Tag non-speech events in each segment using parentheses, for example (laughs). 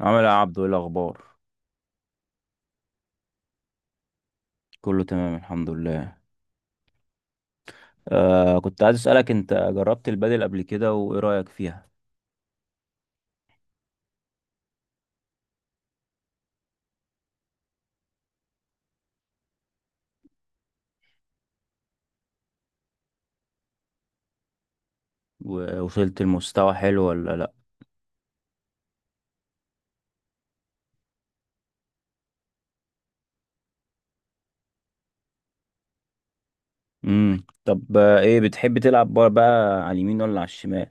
عامل ايه يا عبدو؟ ايه الاخبار؟ كله تمام الحمد لله. كنت عايز اسالك، انت جربت البادل قبل كده وايه رايك فيها؟ ووصلت لمستوى حلو ولا لا؟ امم. طب، ايه بتحب تلعب بار بقى، على اليمين ولا على الشمال؟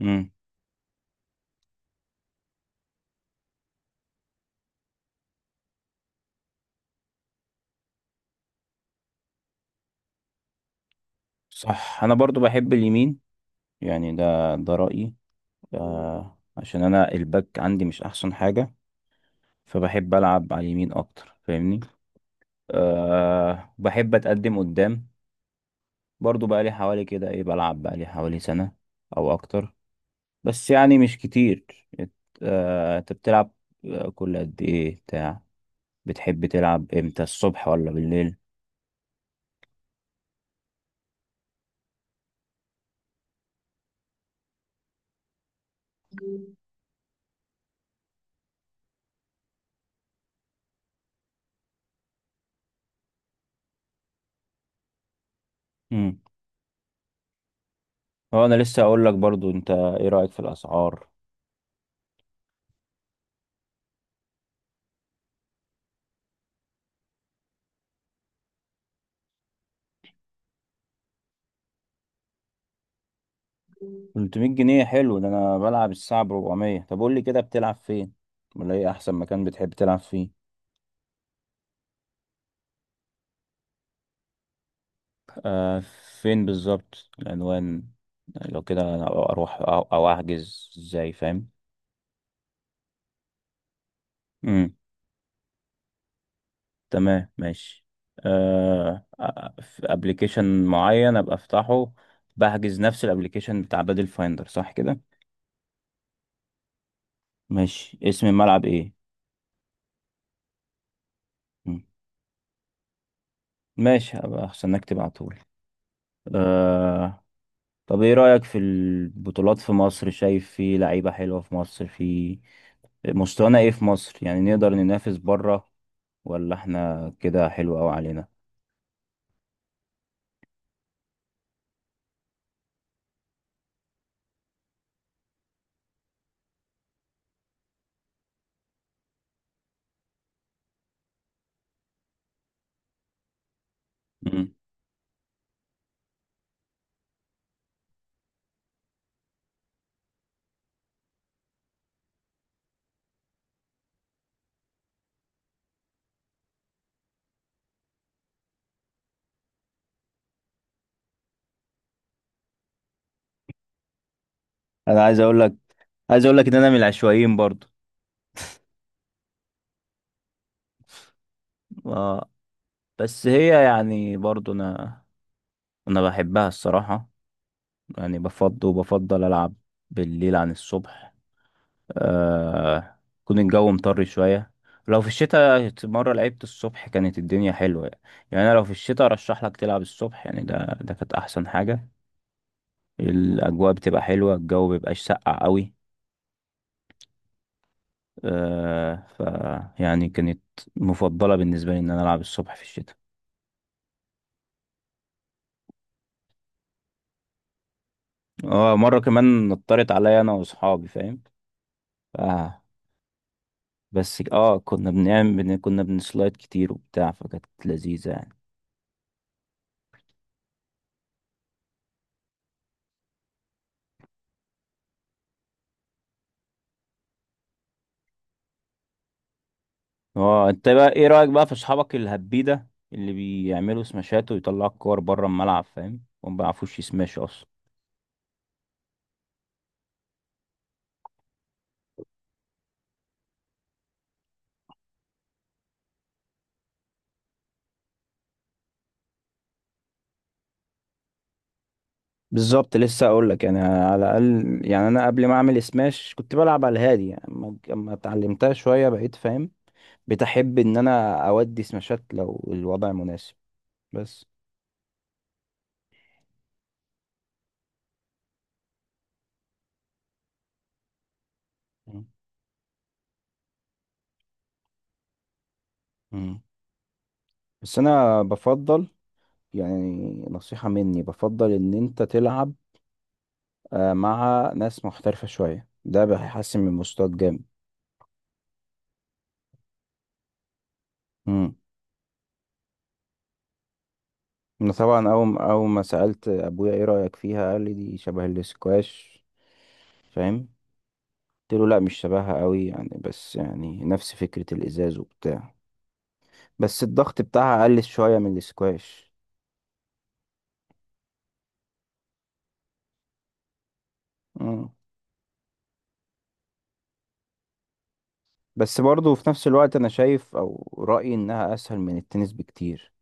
امم. صح، انا برضو بحب اليمين، يعني ده رايي. عشان انا الباك عندي مش احسن حاجه، فبحب العب على اليمين اكتر، فاهمني؟ بحب اتقدم قدام. برضو بقى لي حوالي كده ايه، بلعب بقى لي حوالي سنه او اكتر، بس يعني مش كتير. إت- انت بتلعب كل قد ايه بتاع؟ بتحب تلعب امتى، الصبح ولا بالليل؟ امم. هو انا لسه اقول لك برضو، انت ايه رأيك في الاسعار؟ 300 جنيه حلو، ده انا بلعب الساعة ب 400. طب قول لي كده، بتلعب فين؟ ولا ايه احسن مكان بتحب تلعب فيه؟ آه فين بالظبط العنوان؟ لو كده أنا اروح أو احجز ازاي، فاهم؟ تمام ماشي. آه في ابلكيشن معين ابقى افتحه، بحجز نفس الابلكيشن بتاع بادل فايندر، صح كده؟ ماشي، اسم الملعب ايه؟ مم. ماشي، هبقى استناك تبعتهولي. آه طب ايه رأيك في البطولات في مصر؟ شايف في لعيبة حلوة في مصر، في مستوانا ايه في مصر؟ يعني نقدر ننافس بره ولا احنا كده حلو قوي علينا؟ مم. انا عايز اقول لك عايز اقول لك ان انا من العشوائيين برضو. آه، بس هي يعني برضو انا بحبها الصراحة. يعني بفضل العب بالليل عن الصبح. يكون الجو مطر شوية، لو في الشتاء. مرة لعبت الصبح كانت الدنيا حلوة يعني. يعني انا لو في الشتاء ارشح لك تلعب الصبح، يعني ده كانت احسن حاجة. الاجواء بتبقى حلوة، الجو مبيبقاش ساقع قوي. آه ف يعني كانت مفضلة بالنسبة لي ان انا العب الصبح في الشتاء. اه مرة كمان نطرت عليا انا واصحابي، فاهم؟ بس كنا بنسلايد كتير وبتاع، فكانت لذيذة يعني. اه انت بقى ايه رأيك بقى في اصحابك الهبيدة، اللي بيعملوا سماشات ويطلعوا الكور بره الملعب، فاهم؟ وما بيعرفوش يسماش اصلا. بالظبط، لسه اقول لك يعني، على الاقل يعني، انا قبل ما اعمل سماش كنت بلعب على الهادي، يعني اما اتعلمتها شويه بقيت فاهم. بتحب ان انا اودي سماشات لو الوضع مناسب؟ بس مم. مم. بس انا بفضل، يعني نصيحه مني، بفضل ان انت تلعب مع ناس محترفة شوية، ده هيحسن من مستواك جامد. مم. انا طبعا اول ما سألت ابويا ايه رأيك فيها، قال لي دي شبه الاسكواش، فاهم؟ قلت له لا، مش شبهها قوي يعني، بس يعني نفس فكرة الازاز وبتاع، بس الضغط بتاعها اقل شوية من الاسكواش. مم. بس برضه في نفس الوقت انا شايف او رأيي انها اسهل من التنس بكتير،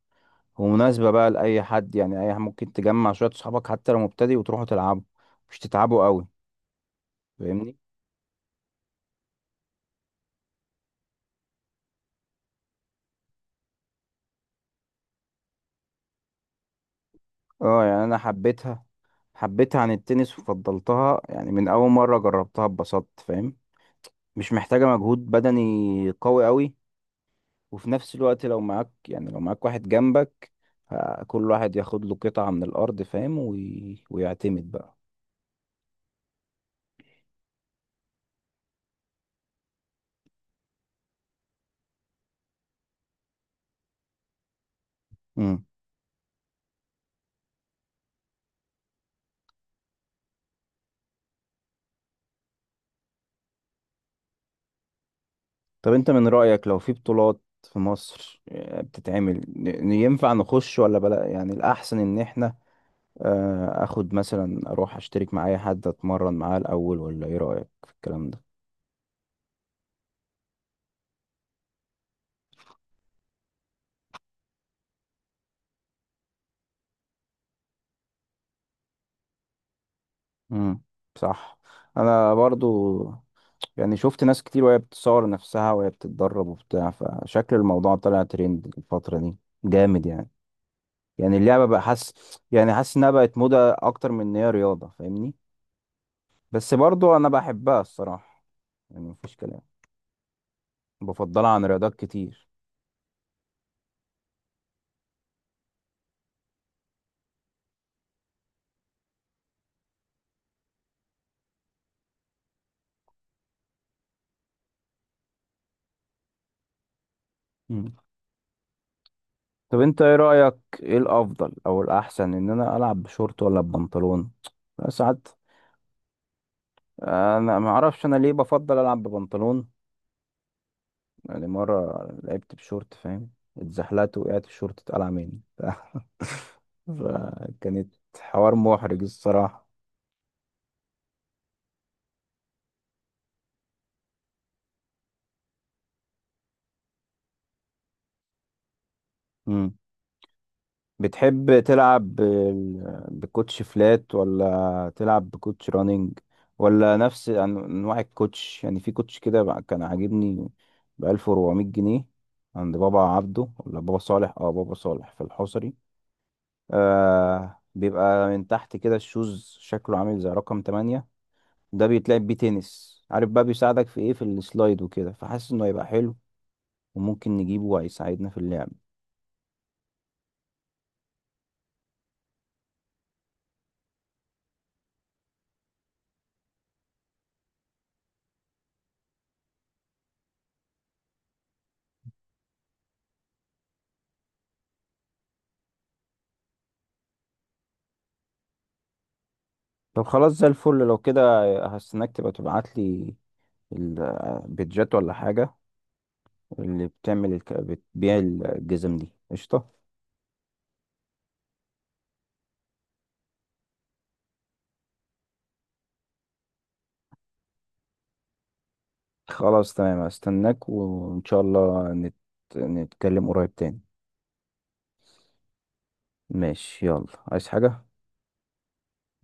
ومناسبة بقى لأي حد يعني. أي ممكن تجمع شوية صحابك حتى لو مبتدئ وتروحوا تلعبوا، مش تتعبوا قوي، فاهمني؟ اه يعني انا حبيتها عن التنس وفضلتها يعني. من اول مرة جربتها اتبسطت، فاهم؟ مش محتاجة مجهود بدني قوي قوي، وفي نفس الوقت لو معاك واحد جنبك، كل واحد ياخد له قطعة من الارض، فاهم؟ ويعتمد بقى. مم. طب انت من رأيك، لو في بطولات في مصر بتتعمل، ينفع نخش ولا بلا؟ يعني الأحسن إن إحنا أخد مثلا، أروح أشترك مع أي حد أتمرن معاه الأول، ولا إيه رأيك في الكلام ده؟ امم. صح، انا برضو. يعني شفت ناس كتير وهي بتصور نفسها وهي بتتدرب وبتاع، فشكل الموضوع طلع ترند الفترة دي جامد يعني. يعني اللعبة بقى، حاسس انها بقت موضة اكتر من ان هي رياضة، فاهمني؟ بس برضو انا بحبها الصراحة، يعني مفيش كلام. بفضلها عن رياضات كتير. مم. طب انت ايه رأيك، ايه الافضل او الاحسن، ان انا العب بشورت ولا ببنطلون ساعات؟ انا ما اعرفش انا ليه بفضل العب ببنطلون، يعني مرة لعبت بشورت، فاهم؟ اتزحلقت، وقعت الشورت اتقلع مني (laughs) فكانت حوار محرج الصراحة. مم. بتحب تلعب بكوتش فلات ولا تلعب بكوتش رانينج؟ ولا نفس انواع الكوتش؟ يعني في كوتش كان عاجبني ب 1400 جنيه عند بابا عبده ولا بابا صالح. اه، بابا صالح في الحصري. بيبقى من تحت كده، الشوز شكله عامل زي رقم 8. ده بيتلعب بيه تنس، عارف بقى؟ بيساعدك في ايه؟ في السلايد وكده، فحاسس انه هيبقى حلو وممكن نجيبه وهيساعدنا في اللعب. طب خلاص، زي الفل لو كده. هستناك تبقى تبعت لي البيتجات ولا حاجة، اللي بتبيع الجزم دي، قشطة. خلاص تمام، هستناك، وان شاء الله نتكلم قريب تاني. ماشي يلا، عايز حاجة؟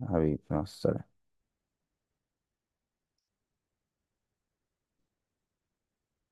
حبيبي مع السلامة.